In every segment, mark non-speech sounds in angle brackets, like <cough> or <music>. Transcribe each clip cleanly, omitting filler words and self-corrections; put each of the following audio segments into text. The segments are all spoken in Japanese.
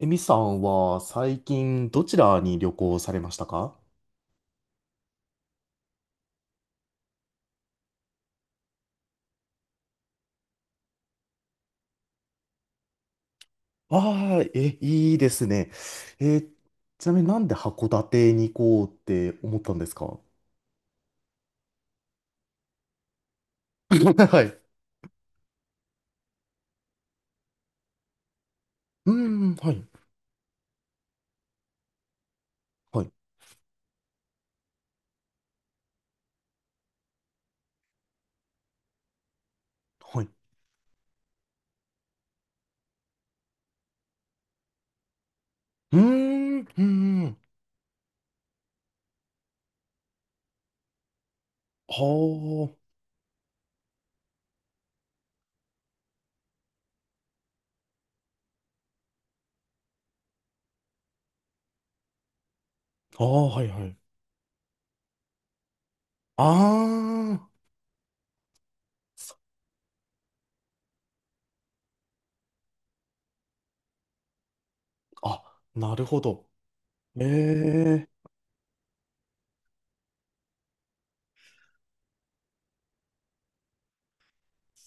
えみさんは最近どちらに旅行されましたか？ああー、え、いいですね。えーちなみになんで函館に行こうって思ったんですか？ <laughs> はい。うーん、はい、はい、はい。うーん、うーん。はあ、ああ、はい、はい。ああ、そあ、なるほど。ええ、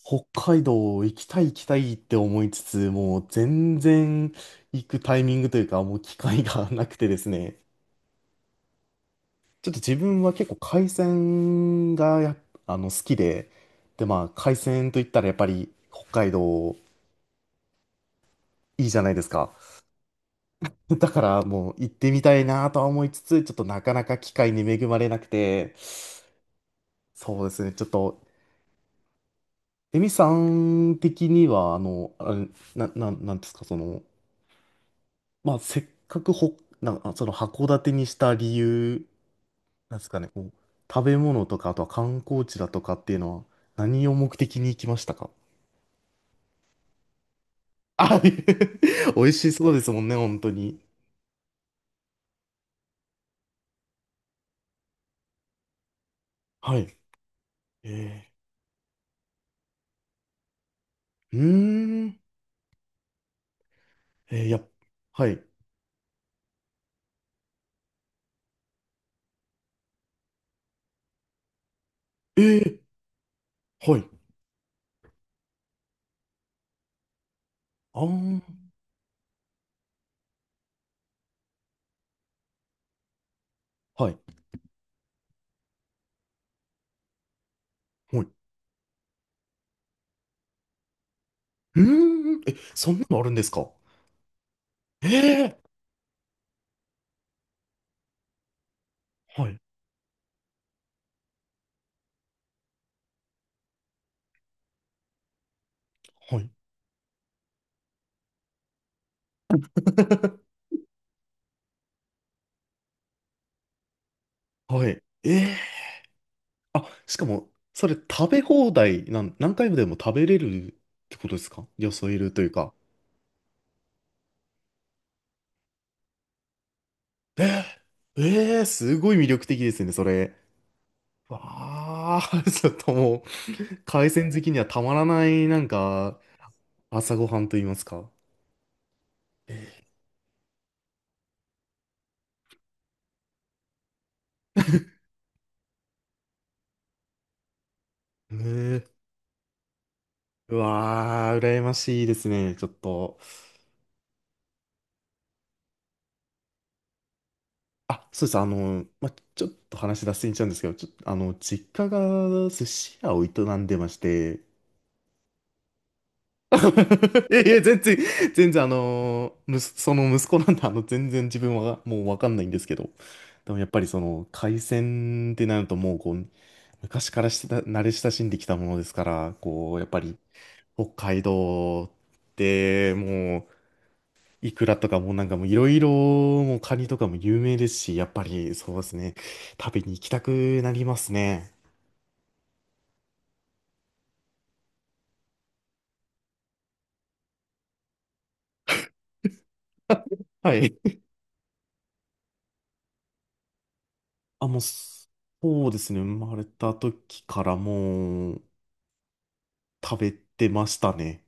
北海道行きたい行きたいって思いつつ、もう全然行くタイミングというか、もう機会がなくてですね。ちょっと自分は結構海鮮がやっ好きで、で、まあ、海鮮といったらやっぱり北海道いいじゃないですか。<laughs> だからもう行ってみたいなとは思いつつ、ちょっとなかなか機会に恵まれなくて、そうですね、ちょっと、エミさん的には、あれなんですか、まあ、せっかくほ、な、あその函館にした理由、なんですかね、こう、食べ物とか、あとは観光地だとかっていうのは、何を目的に行きましたか？あ、<laughs> 美味しそうですもんね、本当に。はい。えー、うーん。えー、やっ、はい。えー、はい。あー、はい。はい。うーん。え、そんなのあるんですか？えー、はい。はい。はい。えー、あ、しかも、それ食べ放題なん、何回もでも食べれるってことですか？よそいるというか。えー、えー、すごい魅力的ですね、それ。わあ、<laughs> ちょっともう、海鮮好きにはたまらない、なんか、朝ごはんと言いますか。へえ。うわー、羨ましいですね、ちょっと。あ、そうです、ま、ちょっと話脱線しちゃうんですけど、ちょっと、実家が寿司屋を営んでまして、<laughs> いやいや、全然、全然、その息子なんで、全然自分はもうわかんないんですけど、でもやっぱりその、海鮮ってなるともう、こう、昔からしてた、慣れ親しんできたものですから、こう、やっぱり、北海道ってもうイクラとかもうなんかもういろいろもうカニとかも有名ですし、やっぱりそうですね、食べに行きたくなりますね。はい。あ、もうそうですね、生まれた時からもう食べてましたね。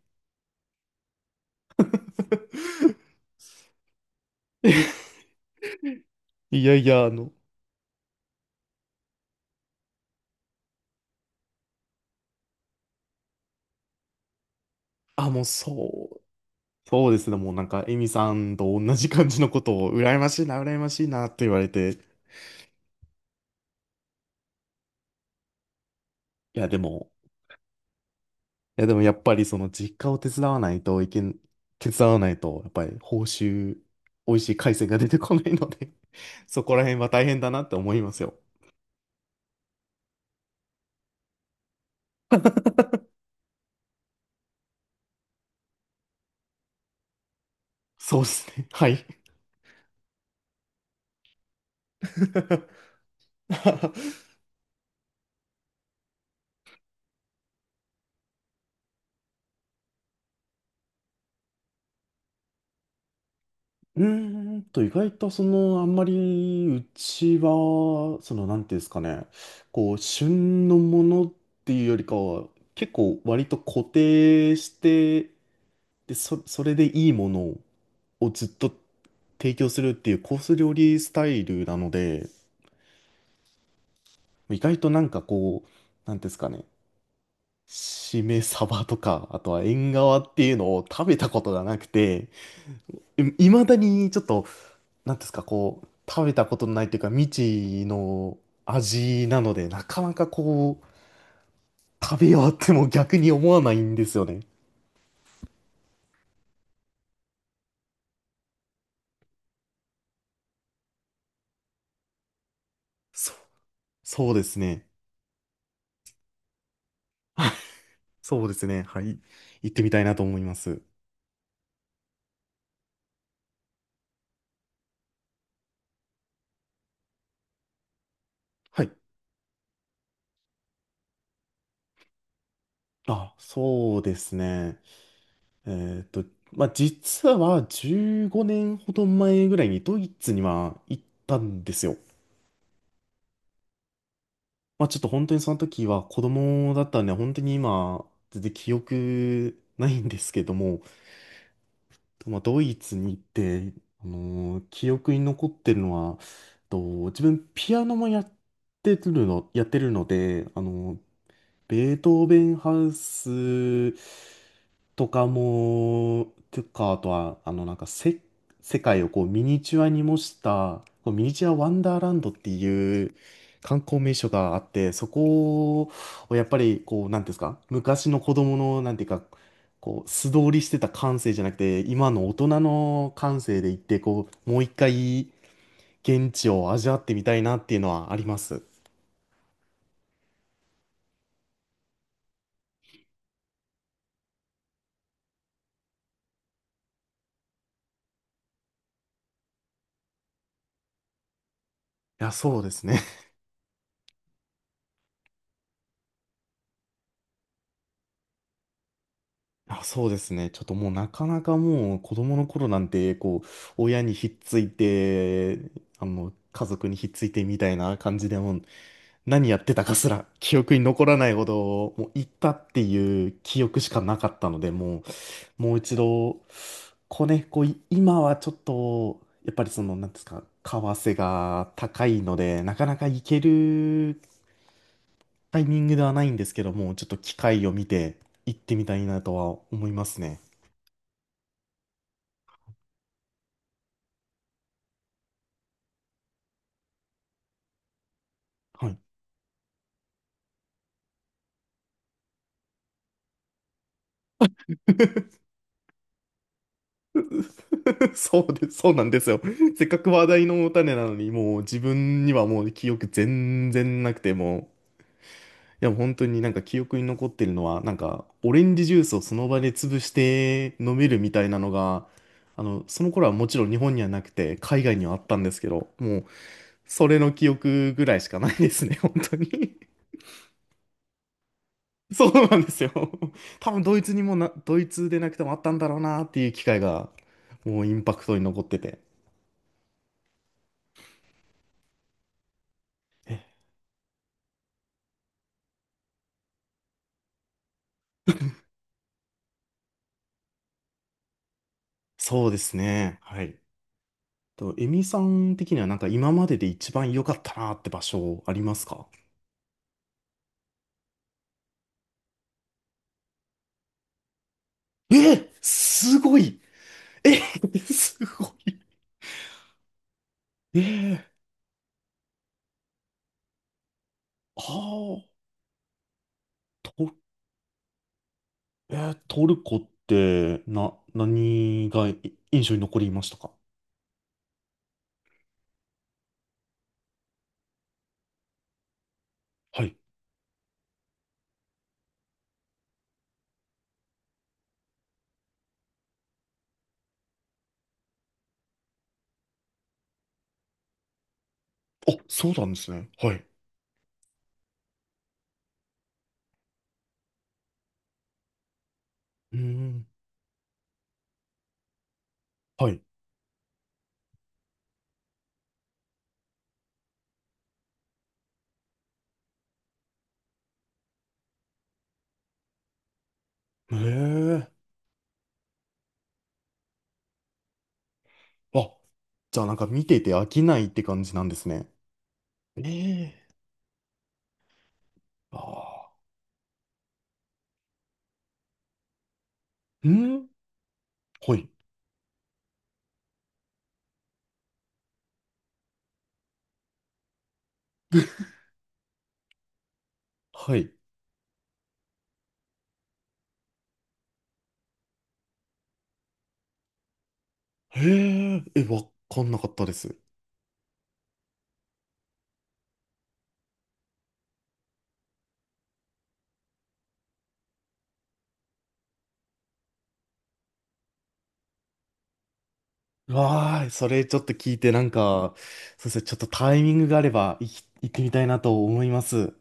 <laughs> いやいや、あ、もうそう、そうですね、もうなんかエミさんと同じ感じのことを羨ましいな、羨ましいなって言われて、いやでも、いや、でもやっぱりその実家を手伝わないといけん、手伝わないと、やっぱり報酬、美味しい海鮮が出てこないので <laughs> そこら辺は大変だなって思いますよ。そうですね。はい。<laughs> うーんと、意外とその、あんまり、うちは、その、なんていうんですかね、こう、旬のものっていうよりかは、結構割と固定して、それでいいものをずっと提供するっていうコース料理スタイルなので、意外となんかこう、なんていうんですかね、しめ鯖とか、あとは縁側っていうのを食べたことがなくて、いまだにちょっと、なんていうんですか、こう、食べたことのないというか、未知の味なので、なかなかこう、食べようっても逆に思わないんですよね。そう、そうですね。そうですね。はい。行ってみたいなと思います。はい。あ、そうですね。えーっと、まあ、実は15年ほど前ぐらいにドイツには行ったんですよ。まあ、ちょっと本当にその時は子供だったんでね、本当に今、全然記憶ないんですけども、まあ、ドイツに行って、記憶に残ってるのは、と自分ピアノもやってるので、ベートーベンハウスとかも、とか、あとは、あの、なんかせ、世界をこうミニチュアに模した、こうミニチュアワンダーランドっていう観光名所があって、そこをやっぱり、こう、なんていうんですか、昔の子供の、なんていうか、こう、素通りしてた感性じゃなくて、今の大人の感性で行って、こう、もう一回現地を味わってみたいなっていうのはあります。いや、そうですね。あ、そうですね。ちょっともうなかなかもう子供の頃なんて、こう、親にひっついて、家族にひっついてみたいな感じでもう、何やってたかすら記憶に残らないほど、もう行ったっていう記憶しかなかったので、もう、もう一度、こうね、こう、今はちょっと、やっぱりその、なんですか、為替が高いので、なかなか行けるタイミングではないんですけども、ちょっと機会を見て行ってみたいなとは思いますね。はい。<laughs> そうです、そうなんですよ。せっかく話題のお種なのに、もう自分にはもう記憶全然なくて、もう、いや本当になんか記憶に残ってるのは、なんかオレンジジュースをその場で潰して飲めるみたいなのが、その頃はもちろん日本にはなくて、海外にはあったんですけど、もう、それの記憶ぐらいしかないですね、<laughs> 本当に。そうなんですよ。多分ドイツでなくてもあったんだろうなっていう機会が、もうインパクトに残ってて。そうですね。はい。エミさん的にはなんか今までで一番良かったなって場所ありますか？えすごい、え、 <laughs> すごい、え、ああー、ト、えートルコって何が印象に残りましたか？はい。あ、そうなんですね。はい。うーん。はい。ええ、あ、じゃあなんか見てて飽きないって感じなんですね。ええ、ああー。うん、はい。<laughs> はい。へえ、え、わかんなかったです。わーい、それちょっと聞いて、なんか、そうですね、ちょっとタイミングがあれば、行ってみたいなと思います。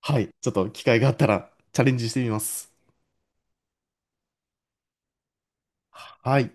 はい、ちょっと機会があったらチャレンジしてみます。はい。